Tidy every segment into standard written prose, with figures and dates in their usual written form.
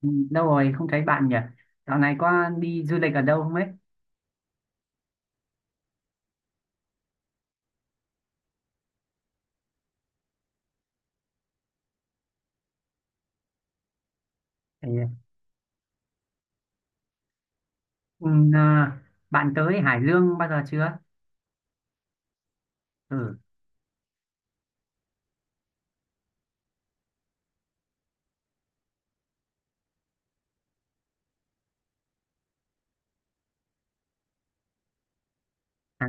Ừ, đâu rồi không thấy bạn nhỉ? Dạo này có đi du lịch ở đâu không ấy? Thì, ừ, à, bạn tới Hải Dương bao giờ chưa? Ừ, à,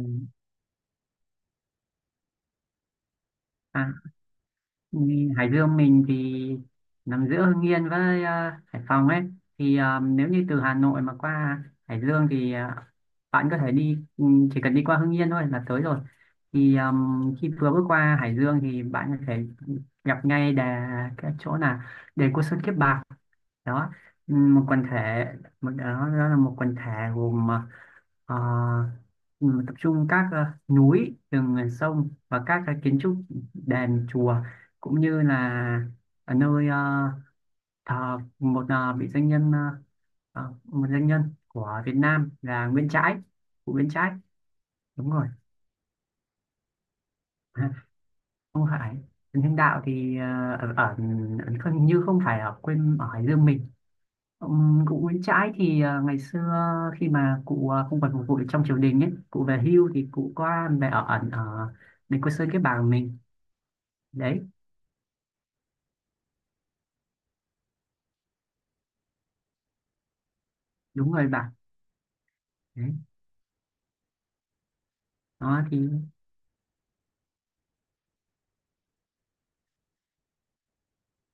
à, đi Hải Dương mình thì nằm giữa Hưng Yên với Hải Phòng ấy. Nếu như từ Hà Nội mà qua Hải Dương thì bạn có thể đi, chỉ cần đi qua Hưng Yên thôi là tới rồi. Thì à, khi vừa bước qua Hải Dương thì bạn có thể gặp ngay cái chỗ là đền Côn Sơn Kiếp Bạc đó, một quần thể, đó là một quần thể gồm, ờ, tập trung các, núi rừng, sông và các cái kiến trúc đền chùa, cũng như là ở nơi thờ một vị danh nhân, một danh nhân của Việt Nam là Nguyễn Trãi, cụ Nguyễn Trãi. Đúng rồi. Ha, không phải. Trần Hưng Đạo thì ờ, ở, ở, ở không- như không phải ở quê ở Hải Dương mình. Cụ Nguyễn Trãi thì, ngày xưa khi mà cụ, không còn phục vụ được trong triều đình ấy, cụ về hưu thì cụ qua về ở ẩn ở đền Cô Sơn cái bàng mình đấy. Đúng rồi bạn, đấy đó thì,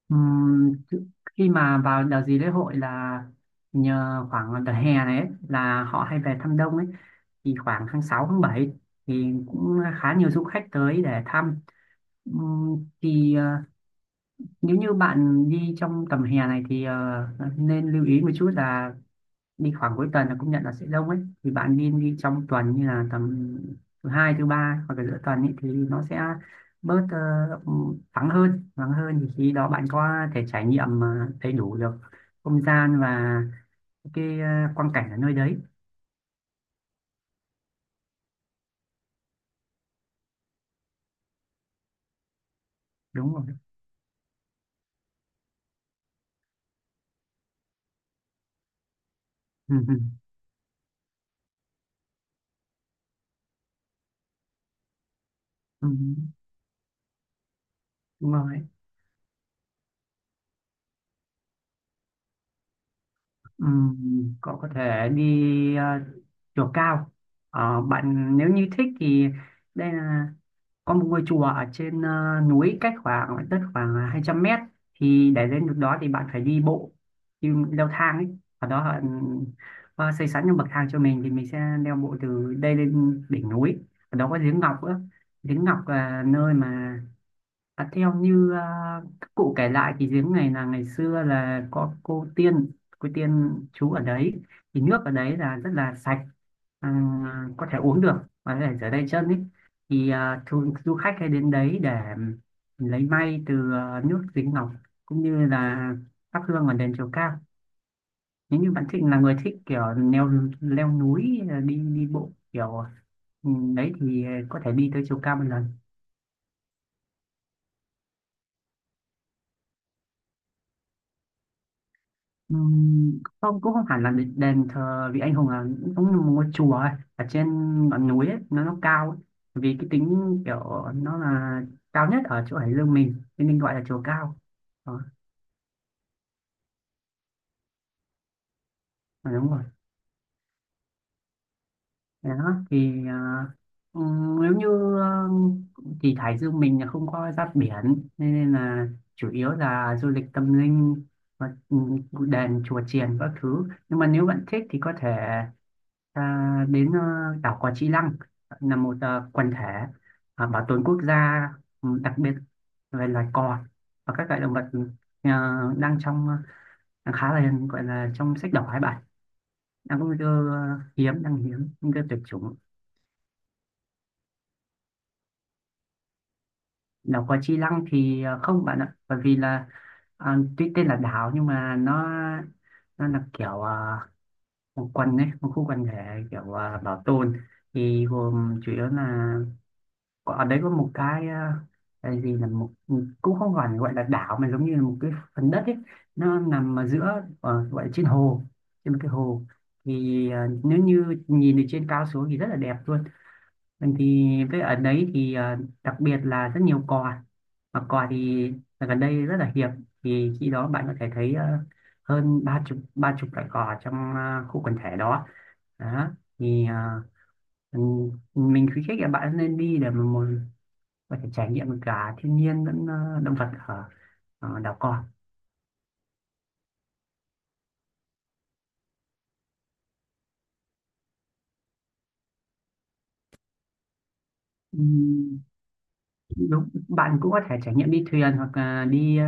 ừm, chứ- khi mà vào đợt gì lễ hội là nhờ khoảng đợt hè này ấy, là họ hay về thăm đông ấy, thì khoảng tháng 6 tháng 7 thì cũng khá nhiều du khách tới để thăm. Ừm, thì à, nếu như bạn đi trong tầm hè này thì nên lưu ý một chút là đi khoảng cuối tuần là cũng nhận là sẽ đông ấy, thì bạn nên đi trong tuần, như là tầm thứ hai thứ ba hoặc là giữa tuần ấy, thì nó sẽ bớt, vắng hơn, thì khi đó bạn có thể trải nghiệm, đầy đủ được không gian và cái, quang cảnh ở nơi đấy. Đúng rồi. Ừ, ừ, ừ, đúng rồi. Cậu có thể đi, chùa Cao. Ờ, bạn nếu như thích thì đây là có một ngôi chùa ở trên, núi cách khoảng đất khoảng 200 m. Thì để lên được đó thì bạn phải đi bộ, đi leo thang ấy. Ở đó họ xây sẵn những bậc thang cho mình, thì mình sẽ leo bộ từ đây lên đỉnh núi. Ở đó có giếng Ngọc nữa. Giếng Ngọc là nơi mà, à, theo như, các cụ kể lại thì giếng này là ngày xưa là có cô tiên trú ở đấy, thì nước ở đấy là rất là sạch, à, có thể uống được và có thể rửa tay chân ấy. Thì du khách hay đến đấy để lấy may từ, nước giếng Ngọc, cũng như là thắp hương ở đền chùa Cao. Nếu như bạn Thịnh là người thích kiểu leo leo núi, đi đi bộ kiểu, đấy thì có thể đi tới chùa Cao một lần. Không cũng không hẳn là đền thờ vị anh hùng, là cũng giống như một ngôi chùa ấy, ở trên ngọn núi ấy, nó cao ấy. Vì cái tính kiểu nó là cao nhất ở chỗ Hải Dương mình nên mình gọi là chùa Cao đó. À, đúng rồi. Thế đó thì, nếu như, ờ, thì Hải Dương mình là không có giáp biển, nên là chủ yếu là du lịch tâm linh và đền chùa chiền các thứ, nhưng mà nếu bạn thích thì có thể ta đến, đảo Cò Chi Lăng, là một, quần thể, bảo tồn quốc gia, ừ, đặc biệt về loài cò và các loại động vật, ờ, đang trong ờ, đang khá là gọi là trong sách đỏ hai bạn, đang có nguy cơ, hiếm, nguy cơ tuyệt chủng. Đảo Cò Chi Lăng thì, không bạn ạ, bởi vì là, tuy tên là đảo nhưng mà nó là kiểu, một quần ấy, một khu quần thể kiểu, bảo tồn, thì gồm chủ yếu là, Có- ở đấy có một cái, cái gì là một, cũng không gọi gọi là đảo mà giống như là một cái phần đất ấy, nó nằm ở giữa, gọi là trên hồ, trên một cái hồ, thì, nếu như nhìn từ trên cao xuống thì rất là đẹp luôn. Mình thì với ở đấy thì, đặc biệt là rất nhiều cò, mà cò thì gần đây rất là hiếm, thì khi đó bạn có thể thấy, hơn ba chục loại cò trong, khu quần thể đó. Đó thì, mình khuyến khích các bạn nên đi, để mà một có thể trải nghiệm được cả thiên nhiên lẫn, động vật ở, đảo cò. Ừm, đúng bạn cũng có thể trải nghiệm đi thuyền hoặc là đi,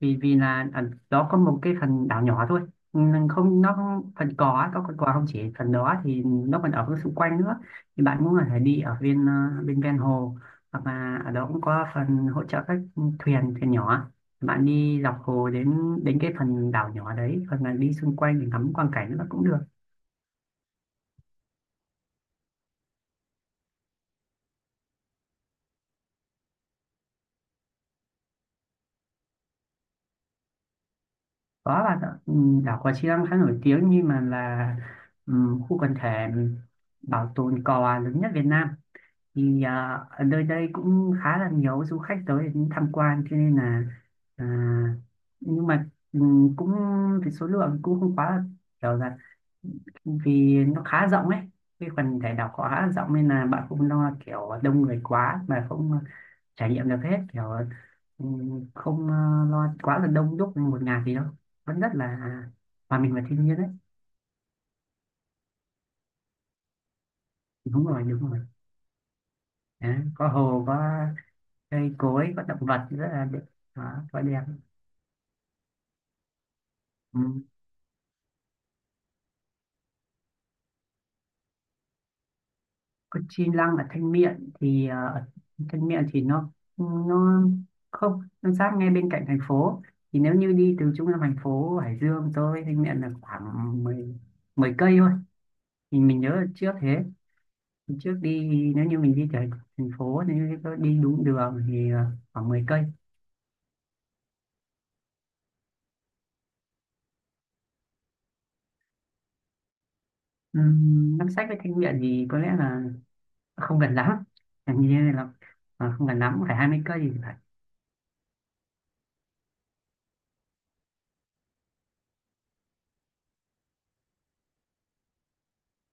vì vì là ở đó có một cái phần đảo nhỏ thôi. Không nó không- phần cò á, có con cò không chỉ phần đó thì nó còn ở xung quanh nữa, thì bạn cũng có thể đi ở bên, bên ven hồ, hoặc là ở đó cũng có phần hỗ trợ các thuyền thuyền nhỏ, bạn đi dọc hồ đến đến cái phần đảo nhỏ đấy, hoặc là đi xung quanh để ngắm quang cảnh nó cũng được. Có bạn ạ. Ừ, đảo Cò Chiang khá nổi tiếng, nhưng mà là, ừ, khu quần thể bảo tồn cò lớn nhất Việt Nam, thì, ở nơi đây cũng khá là nhiều du khách tới để tham quan, cho nên là, à, nhưng mà, cũng cái số lượng cũng không quá là kiểu là vì nó khá rộng ấy, cái phần thể đảo khá là rộng, nên là bạn không lo kiểu đông người quá mà không trải nghiệm được hết kiểu, ừ, không, lo quá là đông đúc một ngày gì đâu, vẫn rất là hòa mình và thiên nhiên đấy. Đúng rồi, đúng rồi. Đấy, có hồ, có cây cối, có động vật rất là đẹp. Đó, quá đẹp. Ừ, còn Chi Lăng ở Thanh Miện thì, ở Thanh Miện thì nó không, nó sát ngay bên cạnh thành phố, thì nếu như đi từ trung tâm thành phố Hải Dương tới Thanh Miện là khoảng 10 10 cây thôi. Thì mình nhớ là trước thế, thì trước đi, nếu như mình đi từ thành phố nếu như có đi đúng đường thì, khoảng 10 cây. Nam Sách với Thanh Miện thì có lẽ là không gần lắm, hình như là, không gần lắm, phải 20 cây thì phải.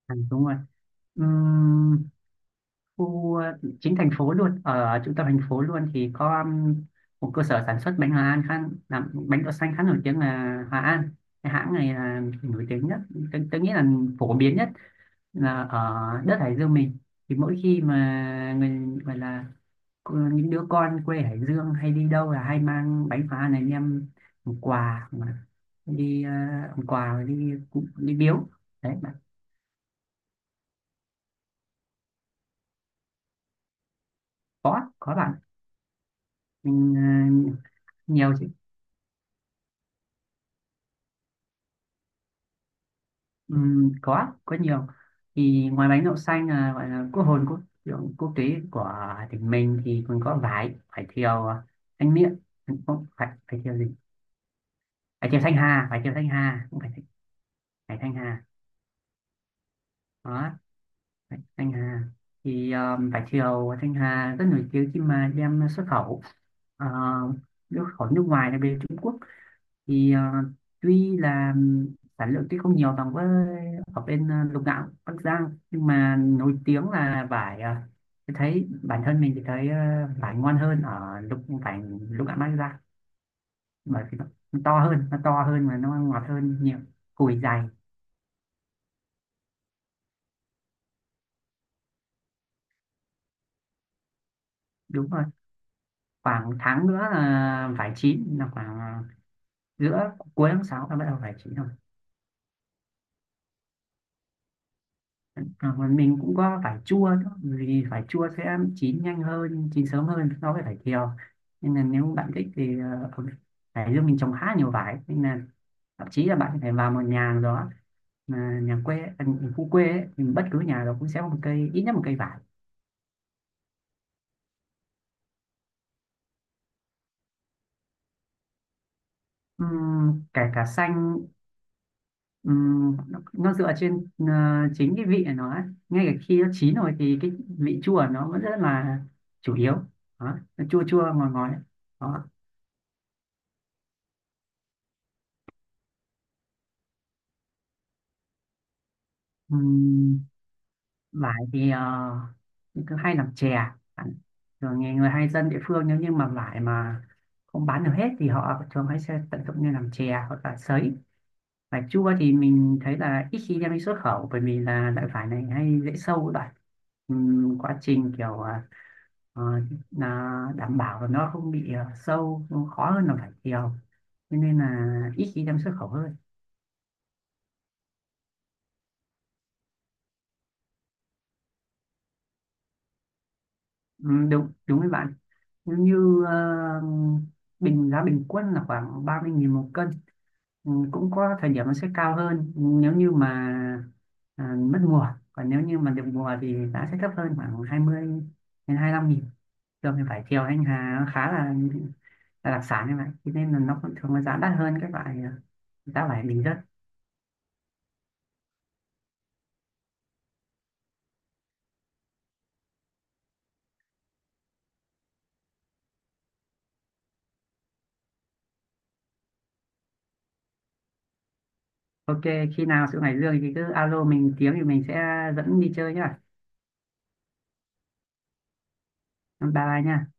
Ừ, đúng rồi. Ừm, khu, chính thành phố luôn, ở trung tâm thành phố luôn thì có một cơ sở sản xuất bánh Hòa An khá, làm bánh đậu xanh khá nổi tiếng là Hòa An, cái hãng này là nổi tiếng nhất. Tôi nghĩ là phổ biến nhất là ở đất Hải Dương mình, thì mỗi khi mà người gọi là những đứa con quê Hải Dương hay đi đâu là hay mang bánh Hòa An này đem làm quà, mà đi, làm quà đi đi biếu đấy bạn. Có bạn, mình, nhiều. Có nhiều, thì ngoài bánh đậu xanh là gọi là quốc hồn quốc, kiểu quốc tế của tỉnh mình thì còn có vải vải thiều, Thanh Miện, không phải, vải thiều gì, vải thiều Thanh Hà, không phải, vải Thanh Hà, đó, vải Thanh Hà thì vải thiều Thanh Hà rất nổi tiếng khi mà đem xuất khẩu, uh, xuất khẩu nước ngoài là bên Trung Quốc, thì, tuy là sản lượng tuy không nhiều bằng với ở bên, Lục Ngạn Bắc Giang, nhưng mà nổi tiếng là vải, tôi thấy bản thân mình thì thấy, vải ngon hơn ở vải Lục Ngạn Bắc Giang, bởi vì nó to hơn, mà nó ngọt hơn nhiều, cùi dày. Đúng rồi. Khoảng tháng nữa là vải chín, là khoảng, giữa cuối tháng 6 là bắt đầu vải chín. À, mà mình cũng có vải chua nữa, vì vải chua sẽ chín nhanh hơn, chín sớm hơn so với vải thiều. Nên là nếu bạn thích thì, ở Hải Dương mình trồng khá nhiều vải, nên là thậm chí là bạn có thể vào một nhà nào đó, mà nhà quê, à, khu quê ấy, thì bất cứ nhà đó cũng sẽ có một cây, ít nhất một cây vải. Kể cả xanh, nó dựa trên, chính cái vị của nó ấy. Ngay cả khi nó chín rồi thì cái vị chua của nó vẫn rất là chủ yếu. Đó, nó chua chua ngọt ngọt ấy. Đó. Ừm, vải thì, mình cứ hay làm chè rồi, thường người hay dân địa phương nếu như mà vải mà không bán được hết thì họ thường hay sẽ tận dụng như làm chè hoặc là sấy. Vải chua thì mình thấy là ít khi đem đi xuất khẩu, bởi vì là loại vải này hay dễ sâu lại. Quá trình kiểu, ờ, là đảm bảo là nó không bị, sâu nó khó hơn là vải thiều, cho nên là ít khi đem xuất khẩu hơn. Ừ, đúng, đúng với bạn, nếu như, bình giá bình quân là khoảng 30.000 một cân. Ừ, cũng có thời điểm nó sẽ cao hơn nếu như mà, mất mùa, còn nếu như mà được mùa thì giá sẽ thấp hơn, khoảng 20 đến 25 nghìn. Thường thì vải thiều anh Hà nó khá là đặc sản như vậy, thế nên là nó cũng thường là giá đắt hơn các loại, giá vải bình dân. OK, khi nào xuống Hải Dương thì cứ alo mình tiếng thì mình sẽ dẫn đi chơi nhá. Bye bye nha.